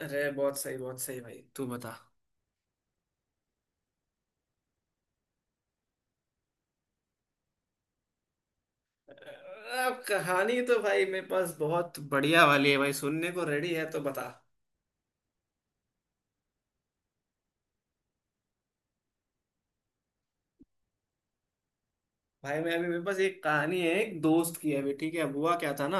अरे बहुत सही भाई। तू बता। अब कहानी तो भाई मेरे पास बहुत बढ़िया वाली है। भाई, सुनने को रेडी है तो बता। भाई, मैं अभी मेरे पास एक कहानी है, एक दोस्त की है अभी। ठीक है। अब हुआ क्या था ना,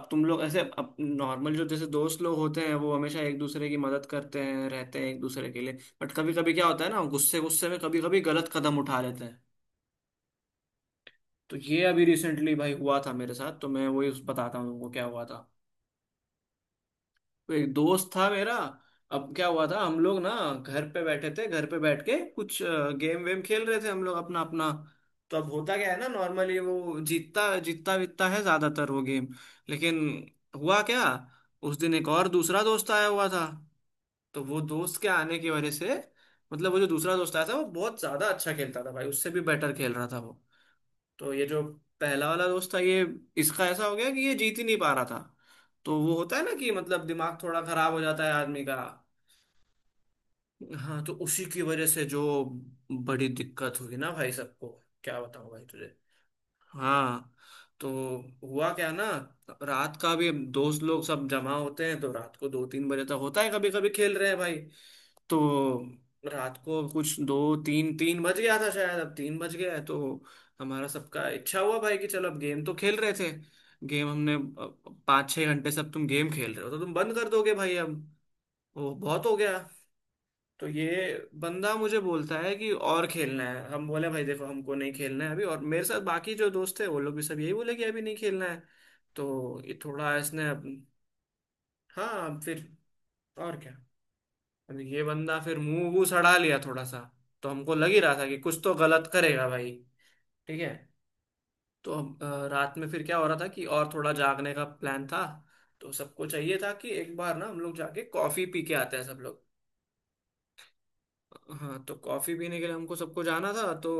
अब तुम लोग ऐसे, अब नॉर्मल जो जैसे दोस्त लोग होते हैं वो हमेशा एक दूसरे की मदद करते हैं, रहते हैं एक दूसरे के लिए। बट कभी कभी क्या होता है ना, गुस्से गुस्से में कभी कभी गलत कदम उठा लेते हैं। तो ये अभी रिसेंटली भाई हुआ था मेरे साथ, तो मैं वही बताता हूँ तुमको क्या हुआ था। एक दोस्त था मेरा। अब क्या हुआ था, हम लोग ना घर पे बैठे थे, घर पे बैठ के कुछ गेम वेम खेल रहे थे हम लोग अपना अपना। तो अब होता क्या है ना, नॉर्मली वो जीतता जीतता बीतता है ज्यादातर वो गेम। लेकिन हुआ क्या, उस दिन एक और दूसरा दोस्त आया हुआ था। तो वो दोस्त के आने की वजह से, मतलब वो जो दूसरा दोस्त आया था वो बहुत ज्यादा अच्छा खेलता था भाई, उससे भी बेटर खेल रहा था वो। तो ये जो पहला वाला दोस्त था ये, इसका ऐसा हो गया कि ये जीत ही नहीं पा रहा था। तो वो होता है ना कि मतलब दिमाग थोड़ा खराब हो जाता है आदमी का। हाँ, तो उसी की वजह से जो बड़ी दिक्कत हुई ना भाई सबको, क्या बताऊं भाई तुझे। हाँ, तो हुआ क्या ना, रात का भी दोस्त लोग सब जमा होते हैं तो रात को 2-3 बजे तक होता है कभी कभी खेल रहे हैं भाई। तो रात को कुछ दो तीन, 3 बज गया था शायद। अब 3 बज गया है, तो हमारा सबका इच्छा हुआ भाई कि चलो अब, गेम तो खेल रहे थे गेम हमने 5-6 घंटे से। अब तुम गेम खेल रहे हो तो तुम बंद कर दोगे भाई अब, वो बहुत हो गया। तो ये बंदा मुझे बोलता है कि और खेलना है। हम बोले भाई देखो हमको नहीं खेलना है अभी, और मेरे साथ बाकी जो दोस्त है वो लोग भी सब यही बोले कि अभी नहीं खेलना है। तो ये थोड़ा इसने अब, हाँ अब फिर और क्या। अब ये बंदा फिर मुंह वूह सड़ा लिया थोड़ा सा। तो हमको लग ही रहा था कि कुछ तो गलत करेगा भाई। ठीक है, तो हम रात में फिर क्या हो रहा था कि और थोड़ा जागने का प्लान था। तो सबको चाहिए था कि एक बार ना हम लोग जाके कॉफी पी के आते हैं सब लोग। हाँ, तो कॉफी पीने के लिए हमको सबको जाना था। तो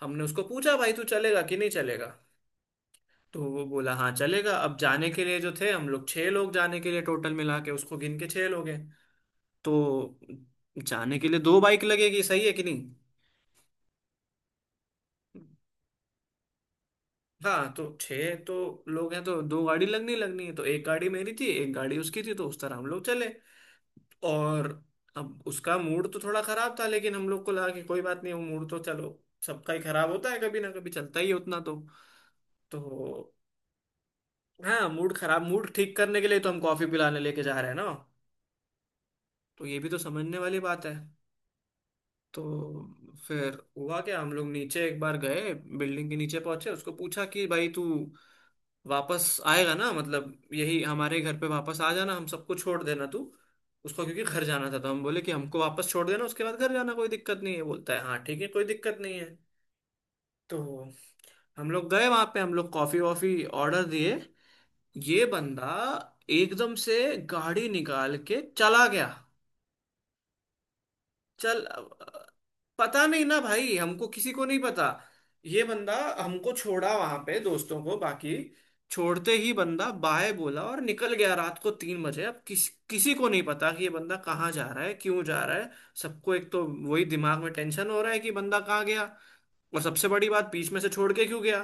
हमने उसको पूछा भाई तू चलेगा कि नहीं चलेगा। तो वो बोला हाँ चलेगा। अब जाने के लिए जो थे हम लोग छह लोग जाने के लिए, टोटल मिला के उसको गिन के छह लोग हैं। तो जाने के लिए दो बाइक लगेगी, सही है कि नहीं। हाँ, तो छह तो लोग हैं तो दो गाड़ी लगनी लगनी है। तो एक गाड़ी मेरी थी, एक गाड़ी उसकी थी, तो उस तरह हम लोग चले। और अब उसका मूड तो थोड़ा खराब था, लेकिन हम लोग को लगा कि कोई बात नहीं, वो मूड तो चलो सबका ही खराब होता है कभी ना कभी, चलता ही है उतना तो। तो हाँ, मूड खराब, मूड ठीक करने के लिए तो हम कॉफी पिलाने लेके जा रहे हैं ना। तो ये भी तो समझने वाली बात है। तो फिर हुआ क्या, हम लोग नीचे एक बार गए, बिल्डिंग के नीचे पहुंचे, उसको पूछा कि भाई तू वापस आएगा ना, मतलब यही हमारे घर पे वापस आ जाना, हम सबको छोड़ देना तू। उसको क्योंकि घर जाना था, तो हम बोले कि हमको वापस छोड़ देना, उसके बाद घर जाना कोई दिक्कत नहीं है। बोलता है हाँ ठीक है, कोई दिक्कत नहीं है। तो हम लोग गए वहां पे, हम लोग कॉफी वॉफी ऑर्डर दिए। ये बंदा एकदम से गाड़ी निकाल के चला गया। चल, पता नहीं ना भाई हमको, किसी को नहीं पता। ये बंदा हमको छोड़ा वहां पे दोस्तों को बाकी, छोड़ते ही बंदा बाय बोला और निकल गया रात को 3 बजे। अब किसी को नहीं पता कि ये बंदा कहाँ जा रहा है, क्यों जा रहा है। सबको एक तो वही दिमाग में टेंशन हो रहा है कि बंदा कहाँ गया, और सबसे बड़ी बात बीच में से छोड़ के क्यों गया।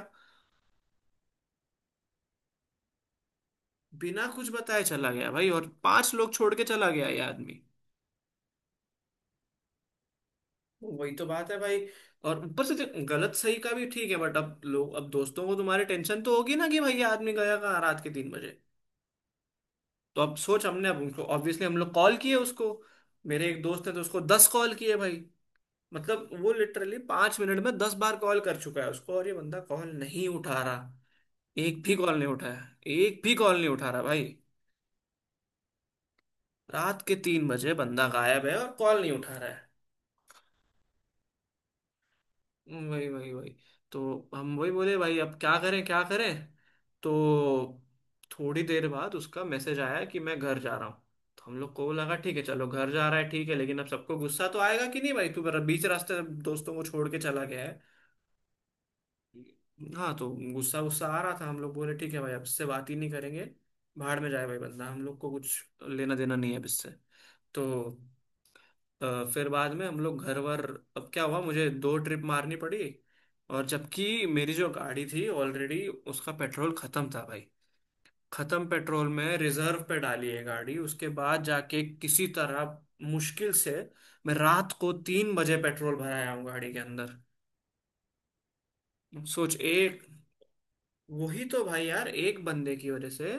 बिना कुछ बताए चला गया भाई, और पांच लोग छोड़ के चला गया ये आदमी। वही तो बात है भाई। और ऊपर से देख, गलत सही का भी ठीक है बट अब लोग, अब दोस्तों को तुम्हारे टेंशन तो होगी ना कि भैया आदमी गया कहाँ रात के 3 बजे। तो अब सोच, हमने अब उनको ऑब्वियसली हम लोग कॉल किए उसको। मेरे एक दोस्त है तो उसको 10 कॉल किए भाई। मतलब वो लिटरली 5 मिनट में 10 बार कॉल कर चुका है उसको, और ये बंदा कॉल नहीं उठा रहा। एक भी कॉल नहीं उठाया। एक भी कॉल नहीं उठा रहा भाई, रात के 3 बजे बंदा गायब है और कॉल नहीं उठा रहा। वही वही वही। तो हम वही बोले भाई अब क्या करें क्या करें। तो थोड़ी देर बाद उसका मैसेज आया कि मैं घर जा रहा हूँ। तो हम लोग को लगा ठीक है चलो घर जा रहा है, ठीक है। लेकिन अब सबको गुस्सा तो आएगा कि नहीं, भाई तू मेरा बीच रास्ते दोस्तों को छोड़ के चला गया है। हाँ तो गुस्सा गुस्सा आ रहा था। हम लोग बोले ठीक है भाई अब इससे बात ही नहीं करेंगे, भाड़ में जाए भाई बंदा, हम लोग को कुछ लेना देना नहीं है अब इससे। तो फिर बाद में हम लोग घर वर, अब क्या हुआ, मुझे दो ट्रिप मारनी पड़ी। और जबकि मेरी जो गाड़ी थी ऑलरेडी उसका पेट्रोल खत्म था भाई। खत्म पेट्रोल में रिजर्व पे डाली है गाड़ी, उसके बाद जाके किसी तरह मुश्किल से मैं रात को 3 बजे पेट्रोल भराया हूँ गाड़ी के अंदर। सोच एक, वही तो भाई यार एक बंदे की वजह से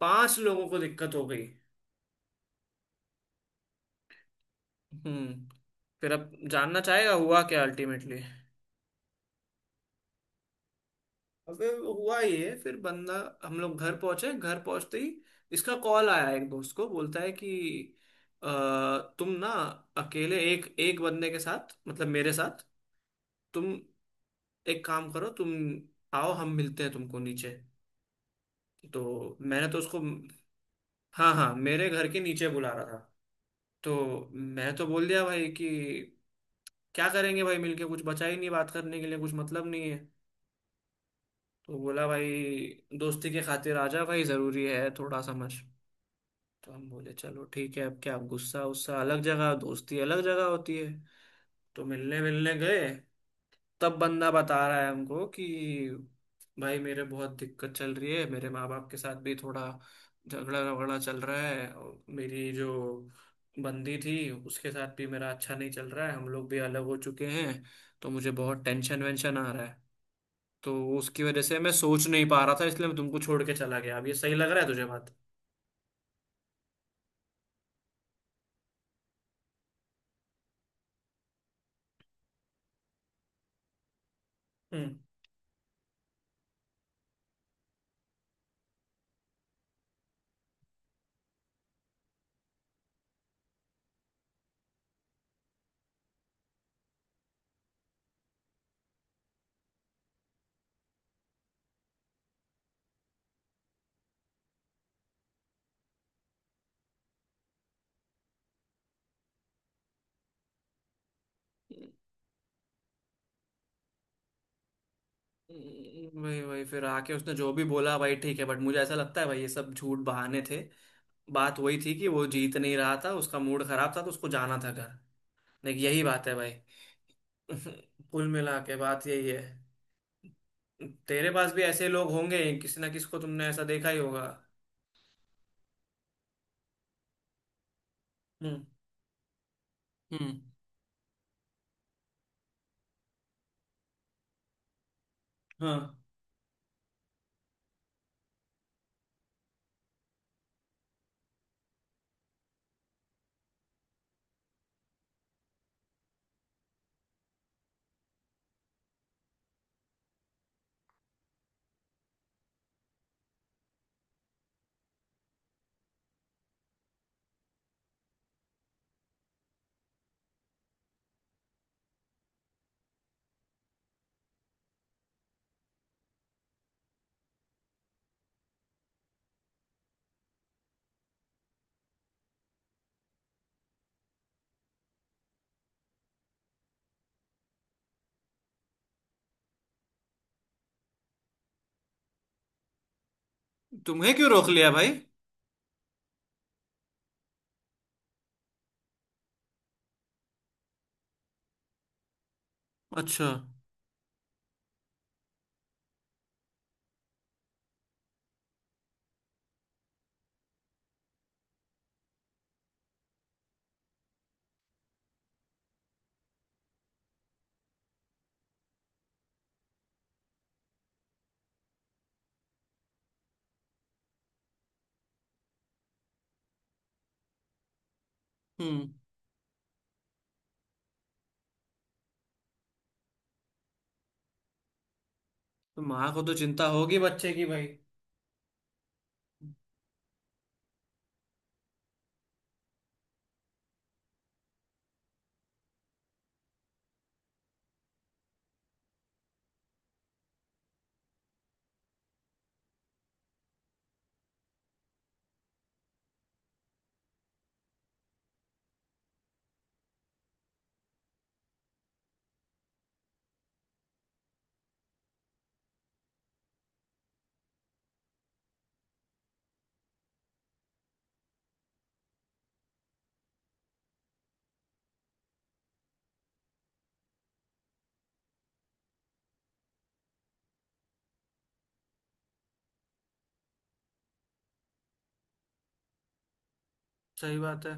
पांच लोगों को दिक्कत हो गई। हम्म। फिर अब जानना चाहेगा हुआ क्या अल्टीमेटली। अब हुआ ये फिर बंदा, हम लोग घर पहुंचे, घर पहुंचते ही इसका कॉल आया। एक दोस्त को बोलता है कि अ, तुम ना अकेले एक एक बंदे के साथ मतलब मेरे साथ, तुम एक काम करो, तुम आओ हम मिलते हैं तुमको नीचे। तो मैंने तो उसको, हाँ हाँ मेरे घर के नीचे बुला रहा था। तो मैं तो बोल दिया भाई कि क्या करेंगे भाई मिलके, कुछ बचा ही नहीं बात करने के लिए, कुछ मतलब नहीं है। तो बोला भाई दोस्ती के खातिर आ जा भाई, जरूरी है थोड़ा समझ। तो हम बोले चलो ठीक है, अब क्या, अब गुस्सा उस्सा अलग जगह दोस्ती अलग जगह होती है। तो मिलने मिलने गए, तब बंदा बता रहा है हमको कि भाई मेरे बहुत दिक्कत चल रही है, मेरे माँ बाप के साथ भी थोड़ा झगड़ा झगड़ा चल रहा है, और मेरी जो बंदी थी उसके साथ भी मेरा अच्छा नहीं चल रहा है, हम लोग भी अलग हो चुके हैं। तो मुझे बहुत टेंशन वेंशन आ रहा है, तो उसकी वजह से मैं सोच नहीं पा रहा था, इसलिए मैं तुमको छोड़ के चला गया। अब ये सही लग रहा है तुझे बात? हम्म। वही वही। फिर आके उसने जो भी बोला भाई ठीक है, बट मुझे ऐसा लगता है भाई ये सब झूठ बहाने थे। बात वही थी कि वो जीत नहीं रहा था, उसका मूड खराब था तो उसको जाना था घर। लेकिन यही बात है भाई। कुल मिला के बात यही है। तेरे पास भी ऐसे लोग होंगे, किसी ना किसी को तुमने ऐसा देखा ही होगा। हम्म। हम्म। हाँ। तुम्हें क्यों रोक लिया भाई? अच्छा। हम्म। तो माँ को तो चिंता होगी बच्चे की भाई। सही बात है।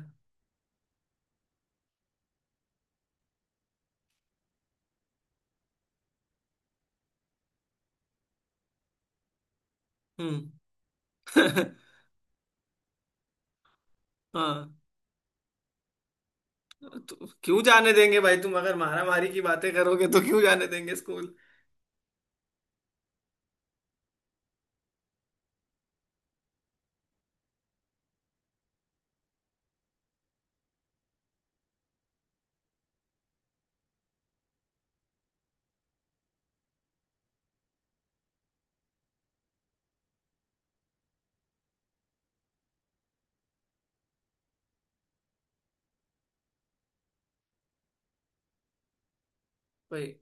हम्म। हाँ, तो क्यों जाने देंगे भाई, तुम अगर मारा मारी की बातें करोगे तो क्यों जाने देंगे स्कूल। भाई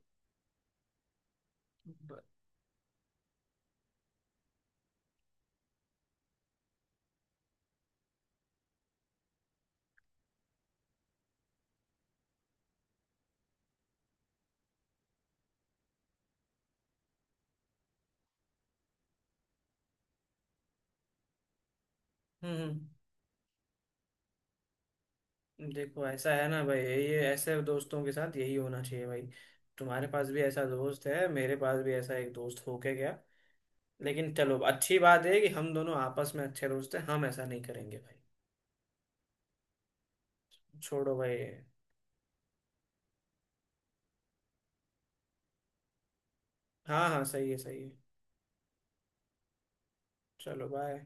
ब- हम्म, हम्म। देखो ऐसा है ना भाई, ये ऐसे दोस्तों के साथ यही होना चाहिए भाई। तुम्हारे पास भी ऐसा दोस्त है, मेरे पास भी ऐसा एक दोस्त होके गया। लेकिन चलो अच्छी बात है कि हम दोनों आपस में अच्छे दोस्त हैं, हम ऐसा नहीं करेंगे भाई। छोड़ो भाई। हाँ हाँ, सही है सही है। चलो बाय।